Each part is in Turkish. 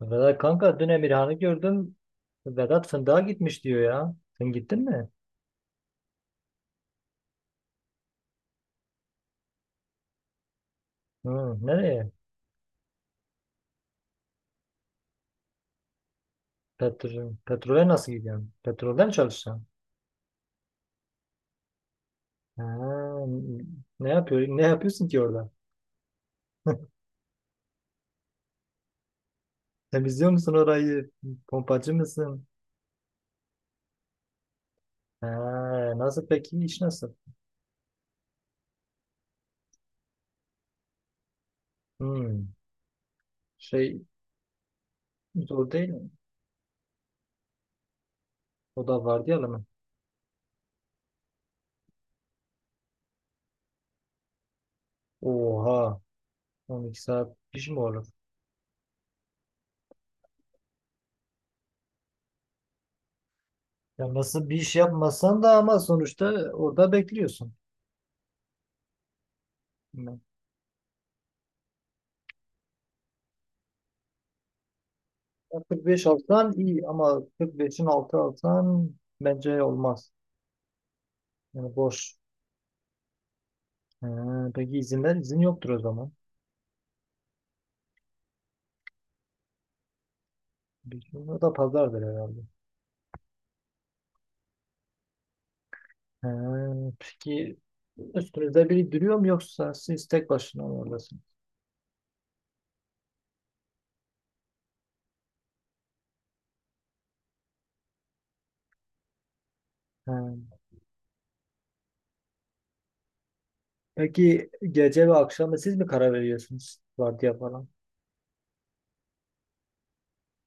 Vedat kanka dün Emirhan'ı gördüm. Vedat fındığa gitmiş diyor ya. Sen gittin mi? Hı, nereye? Petrole nasıl gidiyorsun? Petrolden mi çalışacaksın? Ha, ne yapıyorsun ki orada? Temizliyor musun orayı? Pompacı mısın? Ha, nasıl peki iş nasıl? Hı, şey zor değil mi? O da var diyelim mi? Oha, 12 saat iş mi olur? Ya nasıl bir iş yapmasan da ama sonuçta orada bekliyorsun. Ya 45 alsan iyi ama 45'in altı alsan bence olmaz. Yani boş. He, peki izinler? İzin yoktur o zaman. Bir gün o da pazardır herhalde. He, peki üstünüzde biri duruyor mu yoksa siz tek başına mı oradasınız? He. Peki gece ve akşamı siz mi karar veriyorsunuz? Vardiya falan.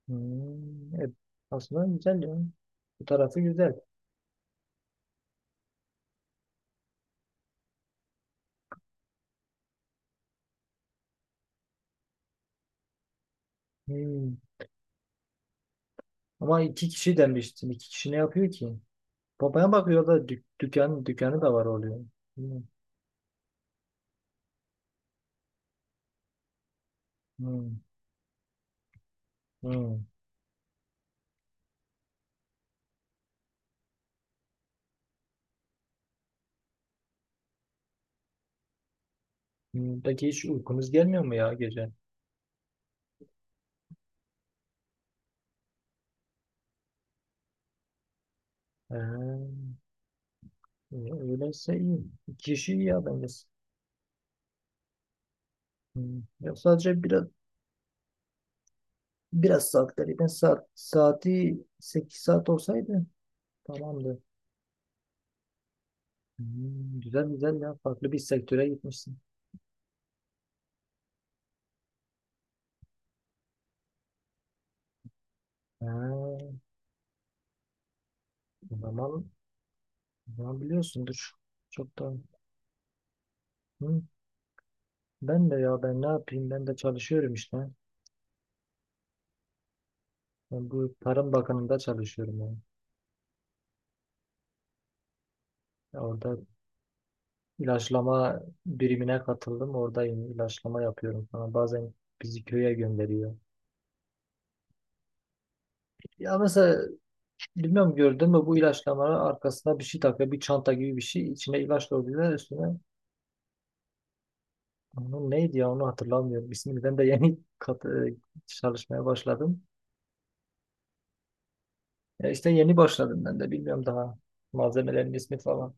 Hmm, aslında güzel yani. Bu tarafı güzel. Hmm. Ama iki kişi demiştin. İki kişi ne yapıyor ki? Babaya bakıyor da dükkanı da var oluyor. Hmm, hmm, hmm, hmm. Peki hiç uykunuz gelmiyor mu ya gece? Ee, öyleyse iyi. Kişi iyi ya bence. Hmm. Yok, sadece biraz saat gariben saati 8 saat olsaydı tamamdı. Hmm, güzel güzel ya, farklı bir sektöre gitmişsin. Ha, o zaman biliyorsundur. Çok da. Hı. Ben de, ya ben ne yapayım, ben de çalışıyorum işte. Ben bu Tarım Bakanı'nda çalışıyorum yani. Ya orada ilaçlama birimine katıldım. Oradayım. İlaçlama yapıyorum falan. Bazen bizi köye gönderiyor. Ya mesela, bilmiyorum gördün mü, bu ilaçlamanın arkasına bir şey takıyor. Bir çanta gibi bir şey. İçine ilaç doluyorlar üstüne. Onun neydi ya, onu hatırlamıyorum. İsmini ben de yeni çalışmaya başladım. Ya işte yeni başladım ben de. Bilmiyorum daha malzemelerin ismi falan.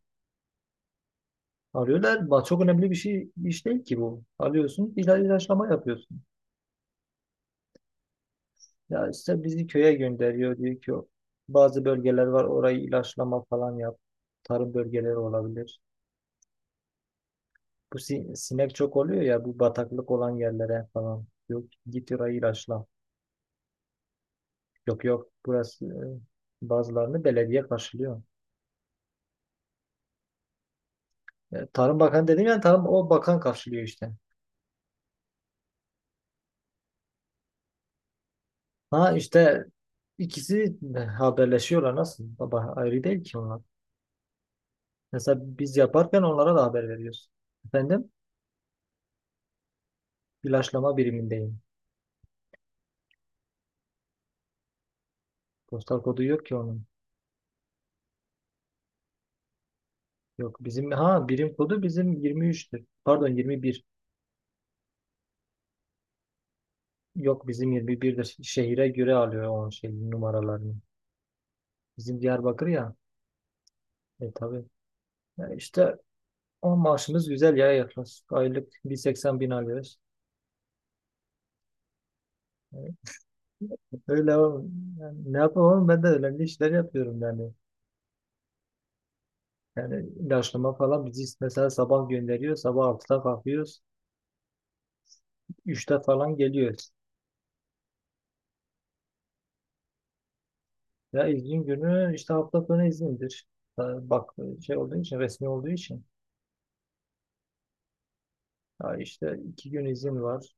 Arıyorlar. Çok önemli bir şey iş değil ki bu. Alıyorsun, ilaçlama yapıyorsun. Ya işte bizi köye gönderiyor, diyor ki bazı bölgeler var orayı ilaçlama falan yap. Tarım bölgeleri olabilir. Bu sinek çok oluyor ya bu bataklık olan yerlere falan. Yok, git orayı ilaçla. Yok yok, burası bazılarını belediye karşılıyor. E, Tarım Bakanı dedim yani, tarım o bakan karşılıyor işte. Ha işte ikisi haberleşiyorlar nasıl? Baba ayrı değil ki onlar. Mesela biz yaparken onlara da haber veriyoruz. Efendim? İlaçlama birimindeyim. Postal kodu yok ki onun. Yok bizim birim kodu bizim 23'tür. Pardon, 21. Yok, bizim 21'dir. Şehire göre alıyor o şey numaralarını. Bizim Diyarbakır ya. E tabii. Ya işte o maaşımız güzel ya, yaklaşık aylık 180 bin alıyoruz. Yani öyle yani ne yapayım oğlum, ben de önemli işler yapıyorum yani. Yani ilaçlama falan, bizi mesela sabah gönderiyor. Sabah 6'da kalkıyoruz. 3'te falan geliyoruz. Ya izin günü işte hafta sonu izindir. Ha, bak şey olduğu için, resmi olduğu için. Ya işte 2 gün izin var.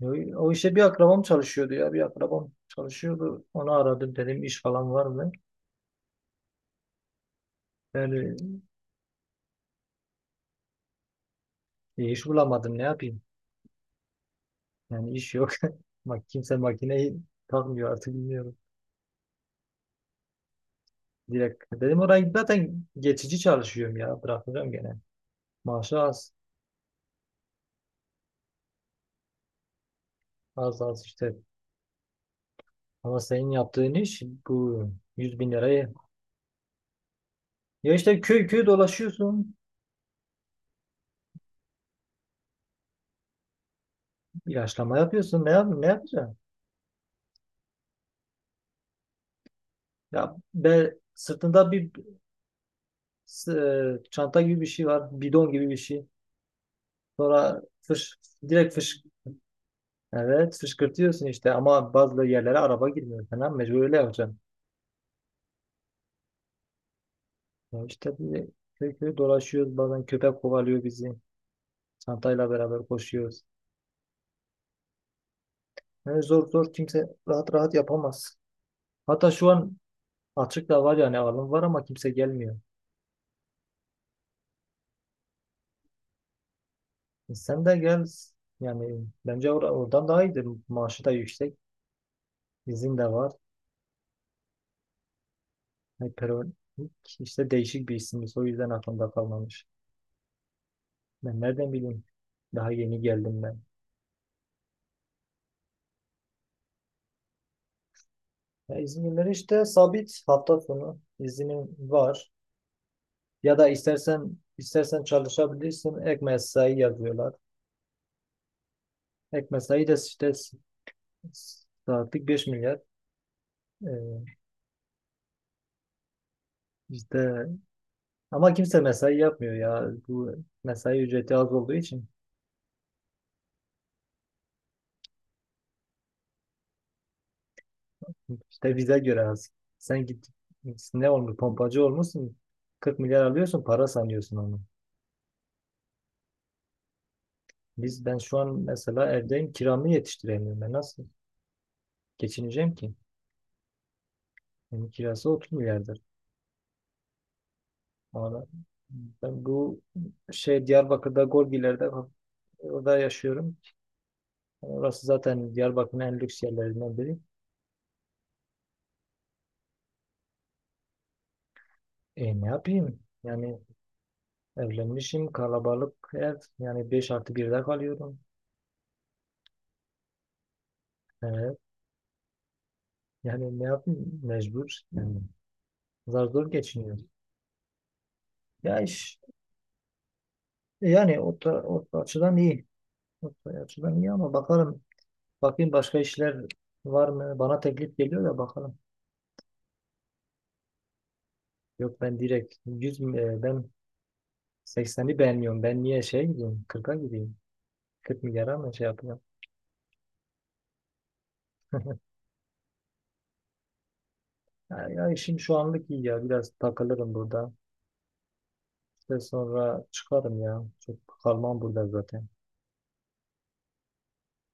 Ya o işte bir akrabam çalışıyordu ya. Bir akrabam çalışıyordu. Onu aradım, dedim iş falan var mı? Yani iş bulamadım, ne yapayım? Yani iş yok. Bak, kimse makineyi takmıyor artık, bilmiyorum. Direkt dedim oraya, zaten geçici çalışıyorum ya. Bırakacağım gene. Maaşı az. Az az işte. Ama senin yaptığın iş bu, 100 bin lirayı. Ya işte köy köy dolaşıyorsun. İlaçlama yapıyorsun. Ne yapacaksın? Ya be, sırtında bir çanta gibi bir şey var. Bidon gibi bir şey. Sonra fış, direkt fış. Evet, fışkırtıyorsun işte ama bazı yerlere araba girmiyor falan. Mecbur öyle yapacaksın. Ya işte böyle köy köy dolaşıyoruz. Bazen köpek kovalıyor bizi. Çantayla beraber koşuyoruz. Yani zor zor, kimse rahat rahat yapamaz. Hatta şu an açık da var yani, alım var ama kimse gelmiyor. E sen de gel. Yani bence oradan daha iyidir. Maaşı da yüksek. İzin de var. Hyperonic işte, değişik bir isimmiş. O yüzden aklımda kalmamış. Ben nereden bileyim? Daha yeni geldim ben. Ya İzmirler işte, sabit hafta sonu izinin var. Ya da istersen çalışabilirsin. Ek mesai yazıyorlar. Ek mesai de işte saatlik 5 milyar. Ee, işte ama kimse mesai yapmıyor ya. Bu mesai ücreti az olduğu için, işte bize göre az. Sen git, ne olmuş pompacı olmuşsun. 40 milyar alıyorsun, para sanıyorsun onu. Ben şu an mesela evdeyim, kiramı yetiştiremiyorum. Ben nasıl geçineceğim ki? Benim kirası 30 milyardır. Ama ben bu şey, Diyarbakır'da Gorgiler'de orada yaşıyorum. Orası zaten Diyarbakır'ın en lüks yerlerinden biri. E ne yapayım? Yani evlenmişim, kalabalık ev. Yani 5 artı birde kalıyorum. Evet. Yani ne yapayım? Mecbur. Yani zar zor geçiniyorum. Ya iş yani, o o açıdan iyi. O açıdan iyi, ama bakayım başka işler var mı? Bana teklif geliyor da, bakalım. Yok, ben direkt 100 ben 80'i beğenmiyorum. Ben niye şey gideyim? 40'a gideyim. 40 milyara mı şey yapacağım? Ya işim şu anlık iyi ya. Biraz takılırım burada. İşte sonra çıkarım ya. Çok kalmam burada zaten.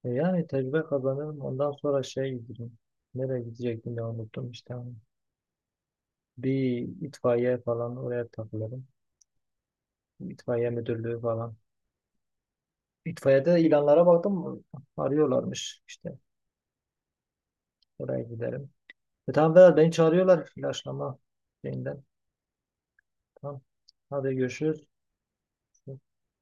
E, yani tecrübe kazanırım. Ondan sonra şey giderim. Nereye gidecektim ya, unuttum işte. Bir itfaiye falan, oraya takılırım. İtfaiye müdürlüğü falan. İtfaiyede ilanlara baktım. Arıyorlarmış işte. Oraya gidelim. E tamam Vedat, beni çağırıyorlar ilaçlama şeyinden. Tamam. Hadi görüşürüz.